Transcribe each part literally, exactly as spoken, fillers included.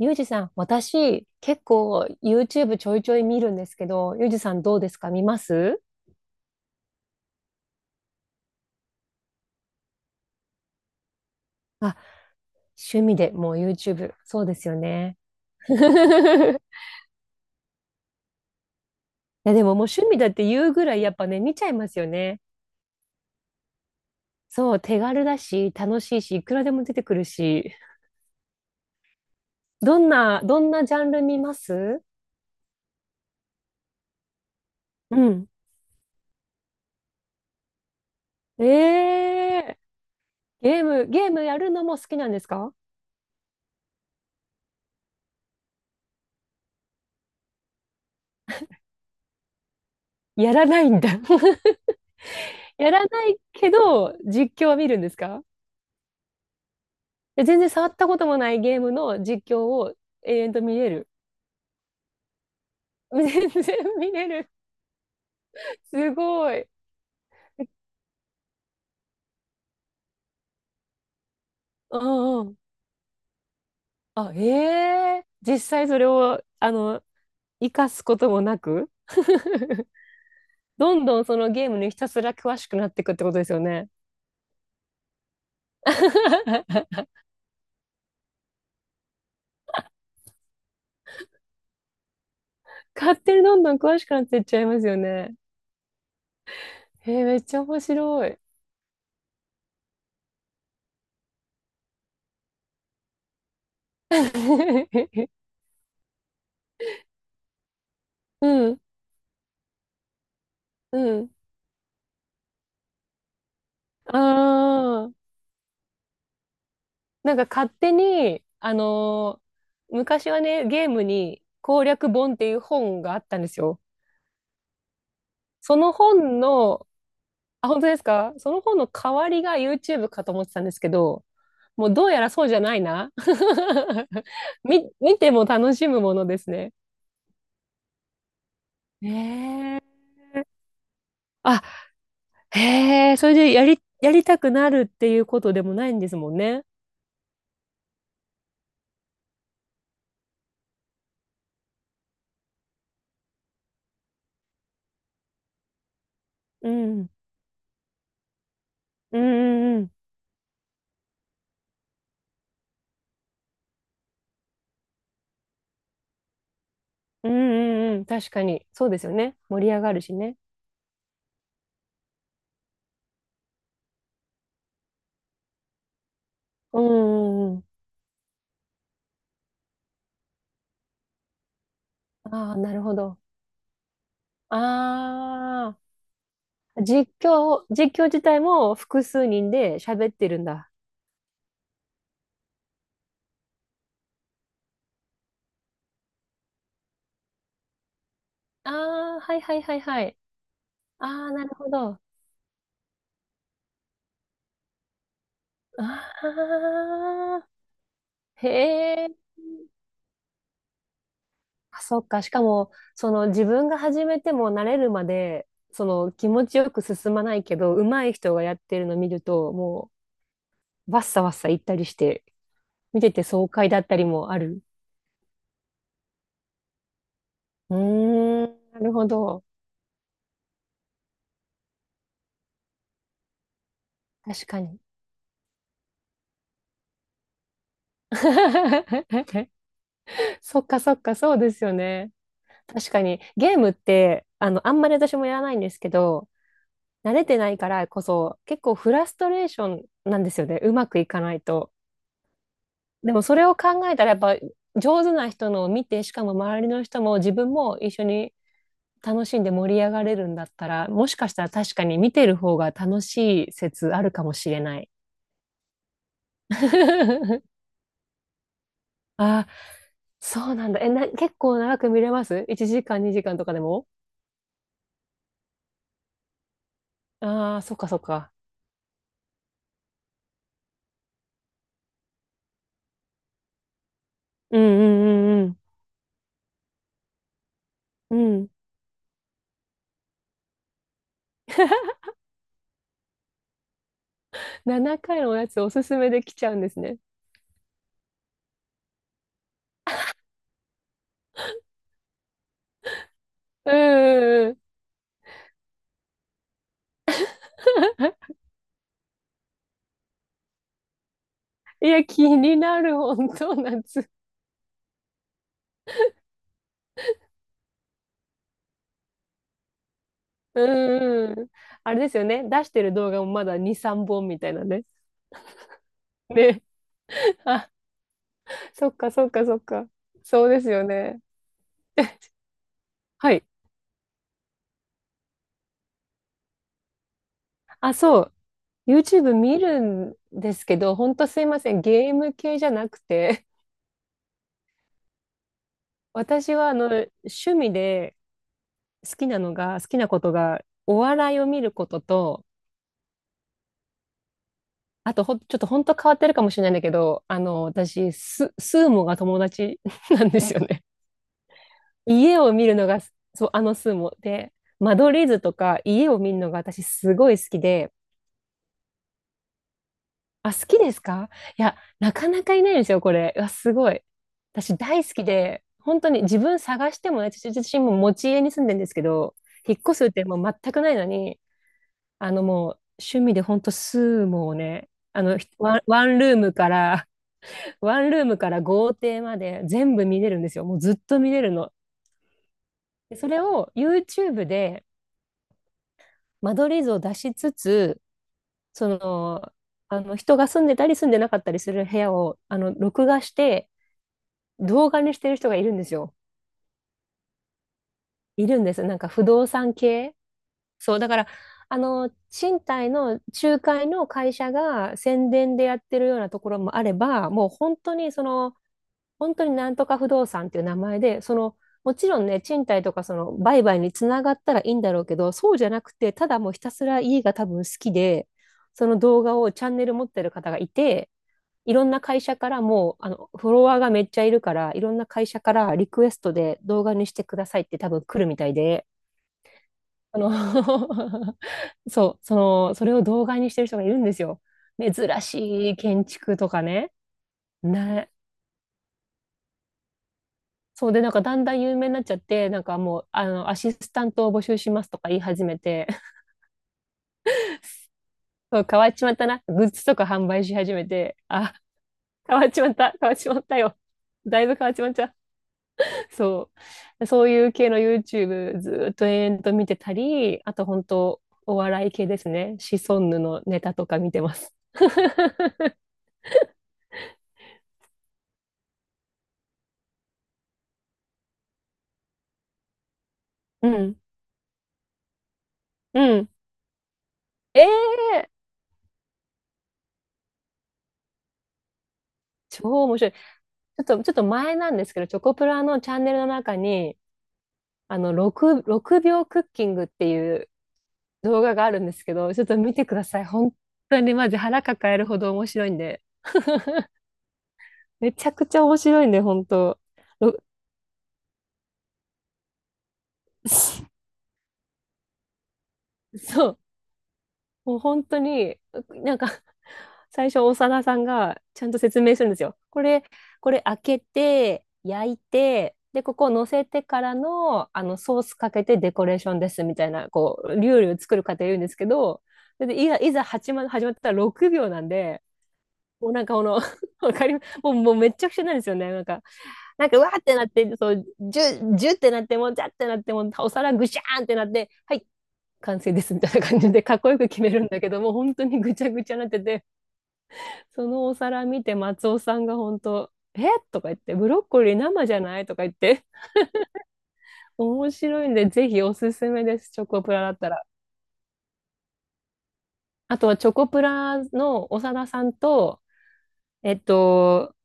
ゆうじさん、私、結構 YouTube ちょいちょい見るんですけど、ゆうじさんどうですか？見ます？あ、趣味でもう YouTube。そうですよね。いや、でももう趣味だって言うぐらいやっぱね、見ちゃいますよね。そう、手軽だし、楽しいし、いくらでも出てくるし。どんな、どんなジャンル見ます？うん。ええー、ゲーム、ゲームやるのも好きなんですか？やらないんだ。やらないけど、実況は見るんですか？で全然触ったこともないゲームの実況を永遠と見れる。全然見れる。すごい。うんうん。あ、ええ、実際それを、あの、生かすこともなく どんどんそのゲームにひたすら詳しくなっていくってことですよね。勝手にどんどん詳しくなっていっちゃいますよね。えー、めっちゃ面白い。うん、うん。ああ。なんか勝手に、あのー昔はね、ゲームに攻略本っていう本があったんですよ。その本の、あ、本当ですか？その本の代わりが YouTube かと思ってたんですけど、もうどうやらそうじゃないな。み、見ても楽しむものですね。へえ。あ、へえ、それでやり、やりたくなるっていうことでもないんですもんね。うん。うんうんうん。うんうんうん。確かに。そうですよね。盛り上がるしね。うんうんうん。ああ、なるほど。ああ、実況、実況自体も複数人で喋ってるんだ。ああ、はいはいはいはい。ああ、なるほど。ああ、へえ。あ、そっか。しかも、その自分が始めても慣れるまで、その気持ちよく進まないけど、上手い人がやってるの見ると、もう、わっさわっさ行ったりして、見てて爽快だったりもある。うーん、なるほど。確かに。そっかそっか、そうですよね。確かに、ゲームって、あの、あんまり私もやらないんですけど、慣れてないからこそ、結構フラストレーションなんですよね。うまくいかないと。でもそれを考えたら、やっぱ上手な人のを見て、しかも周りの人も自分も一緒に楽しんで盛り上がれるんだったら、もしかしたら確かに見てる方が楽しい説あるかもしれない。あ、そうなんだ。え、な、結構長く見れます？ いちじかん 時間、にじかんとかでも。ああー、そっかそっか。うんうんうんうんうん。ななかいのおやつおすすめできちゃうんですね。うんうんうん。いや、気になる、本当夏。うんうん。あれですよね。出してる動画もまだに、さんぼんみたいなね。ね。あ、そっかそっかそっか。そうですよね。はい。あ、そう。YouTube 見るんですけど、本当すいません。ゲーム系じゃなくて、私はあの、趣味で好きなのが、好きなことが、お笑いを見ることと、あとほん、ちょっと本当変わってるかもしれないんだけど、あの、私、ス、スーモが友達 なんですよね。家を見るのが、そう、あのスーモで、間取り図とか家を見るのが私すごい好きで、あ、好きですか？いや、なかなかいないんですよ、これ。うわ、すごい。私大好きで、本当に自分探してもね、私自身も持ち家に住んでるんですけど、引っ越すってもう全くないのに、あのもう趣味で本当スーモをね、あの、ひワン、ワンルームからワンルームから豪邸まで全部見れるんですよ。もうずっと見れるの。でそれを YouTube で間取り図を出しつつ、その、あの人が住んでたり住んでなかったりする部屋をあの録画して動画にしてる人がいるんですよ。いるんです。なんか不動産系。そう、だから、あの、賃貸の仲介の会社が宣伝でやってるようなところもあれば、もう本当にその、本当になんとか不動産っていう名前で、その、もちろんね、賃貸とかその売買につながったらいいんだろうけど、そうじゃなくて、ただもうひたすら家が多分好きで、その動画をチャンネル持ってる方がいて、いろんな会社からもう、あの、フォロワーがめっちゃいるから、いろんな会社からリクエストで動画にしてくださいって多分来るみたいで、あの そう、その、それを動画にしてる人がいるんですよ。珍しい建築とかね。なそうで、なんかだんだん有名になっちゃって、なんかもう、あの、アシスタントを募集しますとか言い始めて、そう変わっちまったな。グッズとか販売し始めて、あ、変わっちまった、変わっちまったよ。だいぶ変わっちまった。そう。そういう系の YouTube ずーっと延々と見てたり、あと本当お笑い系ですね。シソンヌのネタとか見てます。うん。うん。ええー、超面白い。ちょっと、ちょっと前なんですけど、チョコプラのチャンネルの中に、あの、6、ろくびょうクッキングっていう動画があるんですけど、ちょっと見てください。本当にマジ腹抱えるほど面白いんで。めちゃくちゃ面白いんで、本当。ろ そう。もう本当に、なんか最初、長田さんがちゃんと説明するんですよ。これ、これ開けて、焼いて、で、ここを乗せてからの、あの、ソースかけてデコレーションですみたいな、こう、料理を作る過程言うんですけど、で、いざ、いざ始ま、始まったらろくびょうなんで、もうなんかこの わかりますもう、もうめっちゃくちゃなんですよね。なんか、なんかうわーってなって、そう、ジュ、ジュってなって、もうジャってなって、もうお皿ぐしゃーんってなって、はい、完成ですみたいな感じで、かっこよく決めるんだけど、もう本当にぐちゃぐちゃになってて、そのお皿見て松尾さんが本当、えとか言って、ブロッコリー生じゃないとか言って、面白いんで、ぜひおすすめです、チョコプラだったら。あとはチョコプラの長田さんと、えっと、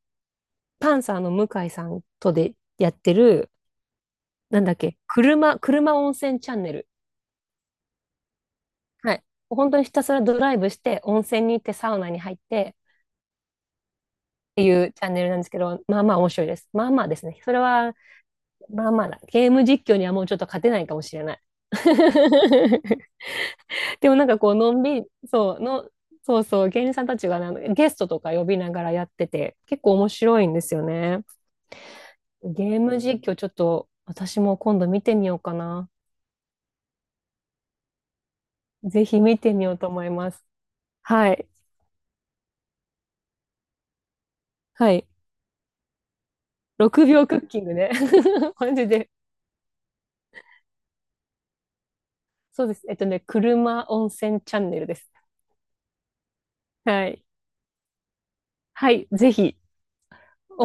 パンサーの向井さんとでやってる、なんだっけ、車、車温泉チャンネル。はい。本当にひたすらドライブして、温泉に行って、サウナに入って、っていうチャンネルなんですけど、まあまあ面白いです。まあまあですね。それは、まあまあだ。ゲーム実況にはもうちょっと勝てないかもしれない。でもなんかこう、のんびり、そう、の、そうそう、芸人さんたちがなゲストとか呼びながらやってて、結構面白いんですよね。ゲーム実況ちょっと私も今度見てみようかな。ぜひ見てみようと思います。はい。はい。ろくびょうクッキングね。マジで。そうです。えっとね、車温泉チャンネルです。はい。はい。ぜひ、